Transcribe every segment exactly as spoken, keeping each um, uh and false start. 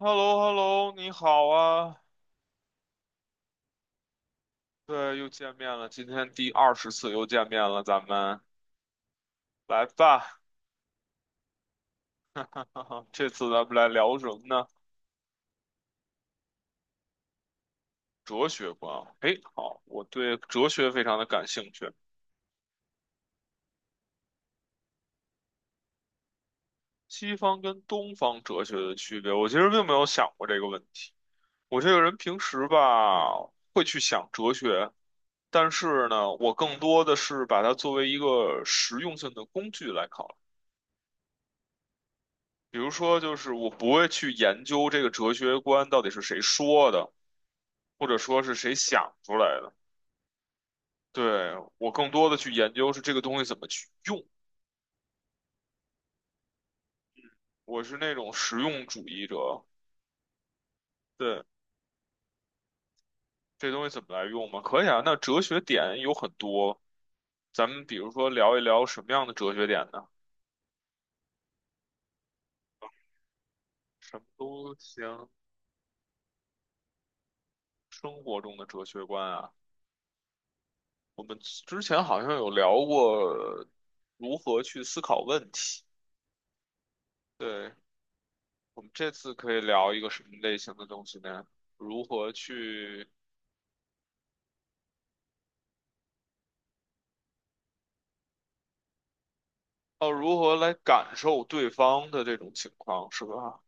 h e l l o h e l l o 你好啊，对，又见面了，今天第二十次又见面了，咱们来吧，这次咱们来聊什么呢？哲学观，哎，好，我对哲学非常的感兴趣。西方跟东方哲学的区别，我其实并没有想过这个问题。我这个人平时吧会去想哲学，但是呢，我更多的是把它作为一个实用性的工具来考比如说，就是我不会去研究这个哲学观到底是谁说的，或者说是谁想出来的。对，我更多的去研究是这个东西怎么去用。我是那种实用主义者。对，这东西怎么来用嘛？可以啊。那哲学点有很多，咱们比如说聊一聊什么样的哲学点呢？什么都行。生活中的哲学观啊，我们之前好像有聊过如何去思考问题。对，我们这次可以聊一个什么类型的东西呢？如何去，哦，如何来感受对方的这种情况，是吧？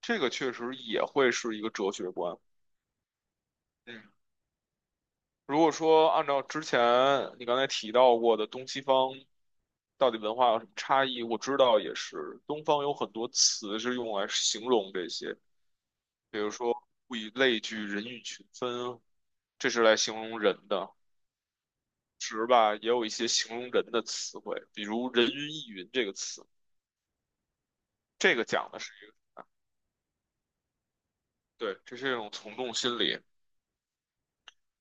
这个确实也会是一个哲学观。嗯，如果说按照之前你刚才提到过的东西方到底文化有什么差异，我知道也是，东方有很多词是用来形容这些，比如说物以类聚，人以群分，这是来形容人的。时吧，也有一些形容人的词汇，比如“人云亦云”这个词，这个讲的是一个。对，这是一种从众心理。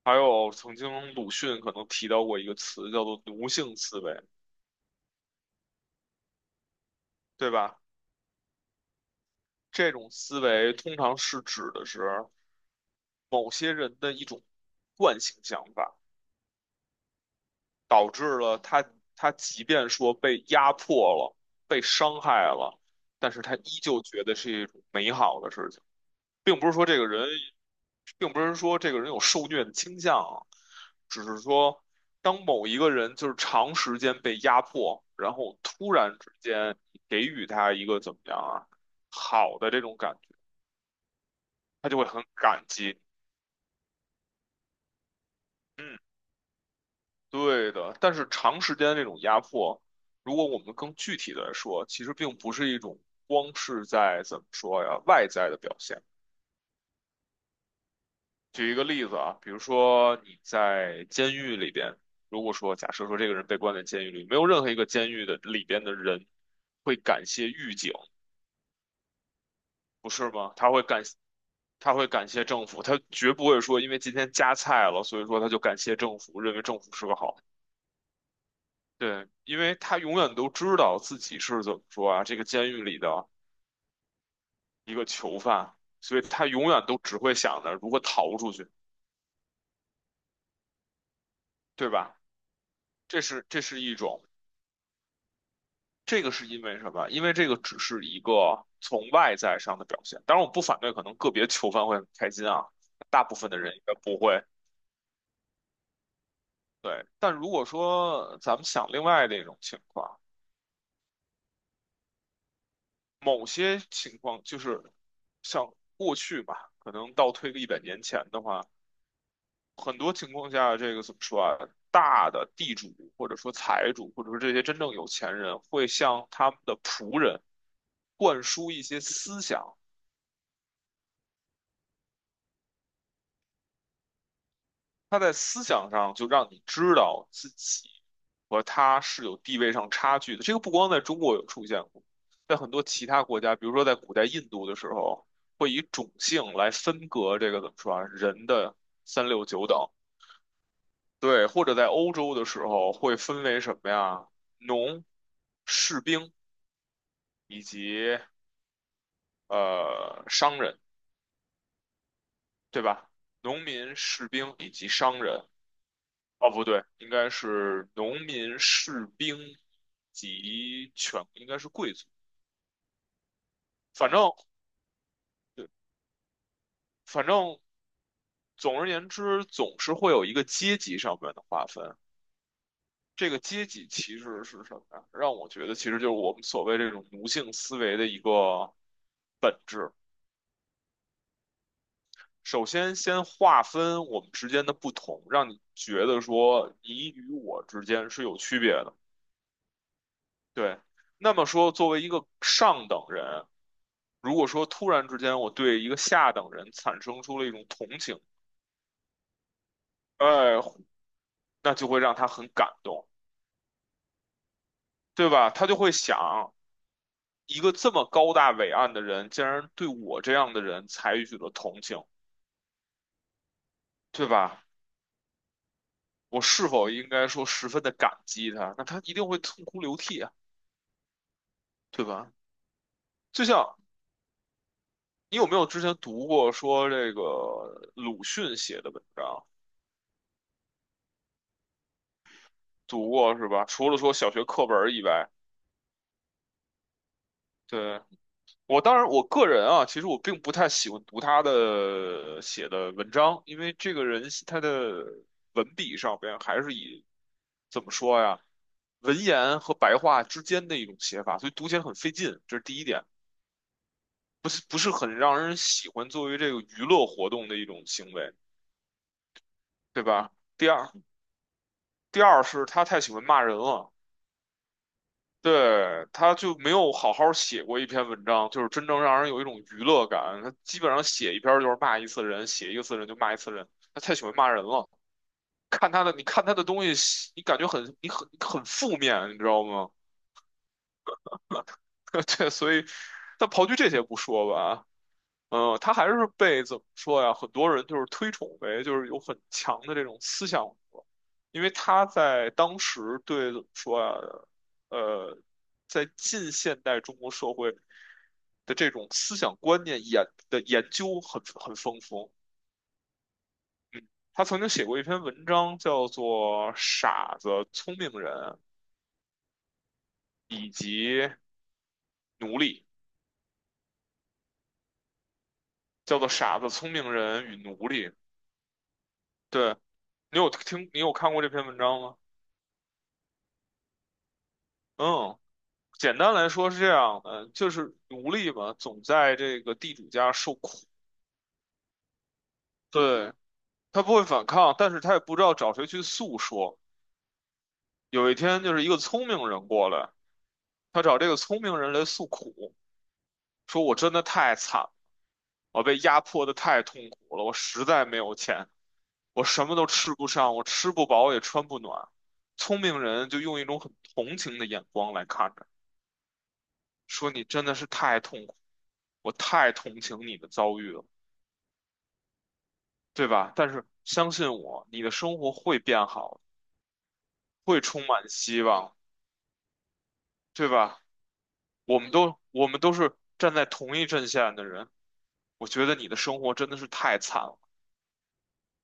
还有曾经鲁迅可能提到过一个词，叫做奴性思维，对吧？这种思维通常是指的是某些人的一种惯性想法，导致了他他即便说被压迫了、被伤害了，但是他依旧觉得是一种美好的事情。并不是说这个人，并不是说这个人有受虐的倾向啊，只是说当某一个人就是长时间被压迫，然后突然之间给予他一个怎么样啊，好的这种感觉，他就会很感激。嗯，对的。但是长时间这种压迫，如果我们更具体的说，其实并不是一种光是在怎么说呀，外在的表现。举一个例子啊，比如说你在监狱里边，如果说假设说这个人被关在监狱里，没有任何一个监狱的里边的人会感谢狱警，不是吗？他会感，他会感谢政府，他绝不会说因为今天加菜了，所以说他就感谢政府，认为政府是个好。对，因为他永远都知道自己是怎么说啊，这个监狱里的一个囚犯，所以他永远都只会想着如何逃出去，对吧？这是这是一种。这个是因为什么？因为这个只是一个从外在上的表现。当然，我不反对，可能个别囚犯会很开心啊，大部分的人应该不会。对，但如果说咱们想另外的一种情况，某些情况就是像过去吧，可能倒推个一百年前的话，很多情况下，这个怎么说啊？大的地主或者说财主，或者说这些真正有钱人，会向他们的仆人灌输一些思想。他在思想上就让你知道自己和他是有地位上差距的。这个不光在中国有出现过，在很多其他国家，比如说在古代印度的时候，会以种姓来分隔这个怎么说啊，人的三六九等。对，或者在欧洲的时候会分为什么呀？农、士兵以及呃商人，对吧？农民、士兵以及商人。哦，不对，应该是农民、士兵及全，应该是贵族。反正对，反正总而言之，总是会有一个阶级上面的划分。这个阶级其实是什么呀？让我觉得其实就是我们所谓这种奴性思维的一个本质。首先，先划分我们之间的不同，让你觉得说你与我之间是有区别的。对，那么说，作为一个上等人。如果说突然之间我对一个下等人产生出了一种同情，哎，那就会让他很感动，对吧？他就会想，一个这么高大伟岸的人，竟然对我这样的人采取了同情，对吧？我是否应该说十分的感激他？那他一定会痛哭流涕啊，对吧？就像你有没有之前读过说这个鲁迅写的文章？读过是吧？除了说小学课本儿以外，对。我当然，我个人啊，其实我并不太喜欢读他的写的文章，因为这个人他的文笔上边还是以怎么说呀，文言和白话之间的一种写法，所以读起来很费劲，这是第一点，不是不是很让人喜欢作为这个娱乐活动的一种行为，对吧？第二，第二是他太喜欢骂人了。对，他就没有好好写过一篇文章，就是真正让人有一种娱乐感。他基本上写一篇就是骂一次人，写一个次人就骂一次人，他太喜欢骂人了。看他的，你看他的东西，你感觉很，你很很负面，你知道吗？对，所以，但刨去这些不说吧，嗯，他还是被怎么说呀？很多人就是推崇为就是有很强的这种思想，因为他在当时对怎么说啊，呃，在近现代中国社会的这种思想观念研的研究很很丰富。他曾经写过一篇文章，叫做《傻子、聪明人以及奴隶》，叫做《傻子、聪明人与奴隶》。对，你有听，你有看过这篇文章吗？嗯，简单来说是这样的，就是奴隶嘛，总在这个地主家受苦。对，他不会反抗，但是他也不知道找谁去诉说。有一天，就是一个聪明人过来，他找这个聪明人来诉苦，说我真的太惨了，我被压迫的太痛苦了，我实在没有钱，我什么都吃不上，我吃不饱也穿不暖。聪明人就用一种很同情的眼光来看着，说你真的是太痛苦，我太同情你的遭遇了，对吧？但是相信我，你的生活会变好，会充满希望，对吧？我们都我们都是站在同一阵线的人，我觉得你的生活真的是太惨了。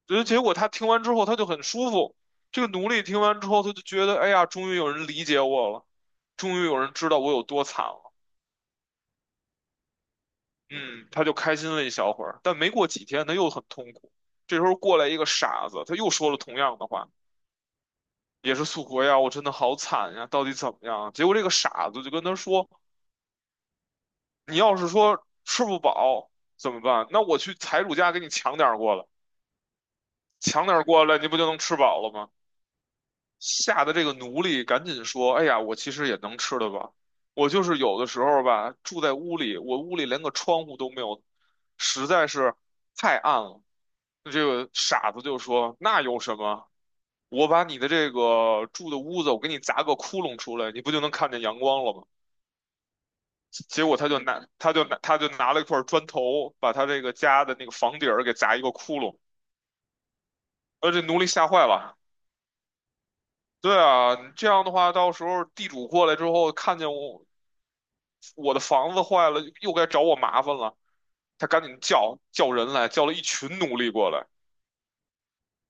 所以结果他听完之后，他就很舒服。这个奴隶听完之后，他就觉得，哎呀，终于有人理解我了，终于有人知道我有多惨了。嗯，他就开心了一小会儿，但没过几天，他又很痛苦。这时候过来一个傻子，他又说了同样的话，也是诉苦哎呀，我真的好惨呀，到底怎么样啊？结果这个傻子就跟他说，你要是说吃不饱怎么办？那我去财主家给你抢点儿过来。抢点儿过来，你不就能吃饱了吗？吓得这个奴隶赶紧说：“哎呀，我其实也能吃的吧，我就是有的时候吧，住在屋里，我屋里连个窗户都没有，实在是太暗了。”那这个傻子就说：“那有什么？我把你的这个住的屋子，我给你砸个窟窿出来，你不就能看见阳光了吗？”结果他就拿，他就拿，他就拿了一块砖头，把他这个家的那个房顶儿给砸一个窟窿。呃，这奴隶吓坏了。对啊，这样的话，到时候地主过来之后，看见我我的房子坏了，又该找我麻烦了。他赶紧叫叫人来，叫了一群奴隶过来，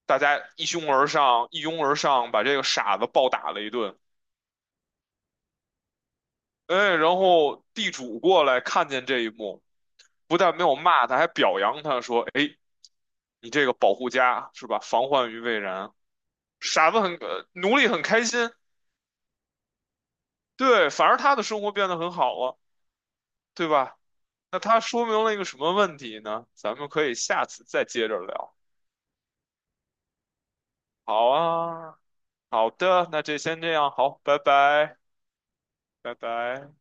大家一拥而上，一拥而上，把这个傻子暴打了一顿。哎，然后地主过来看见这一幕，不但没有骂他，还表扬他说：“哎，你这个保护家是吧？防患于未然。”傻子很，呃奴隶很开心，对，反而他的生活变得很好了，对吧？那它说明了一个什么问题呢？咱们可以下次再接着聊。好啊，好的，那这先这样，好，拜拜，拜拜。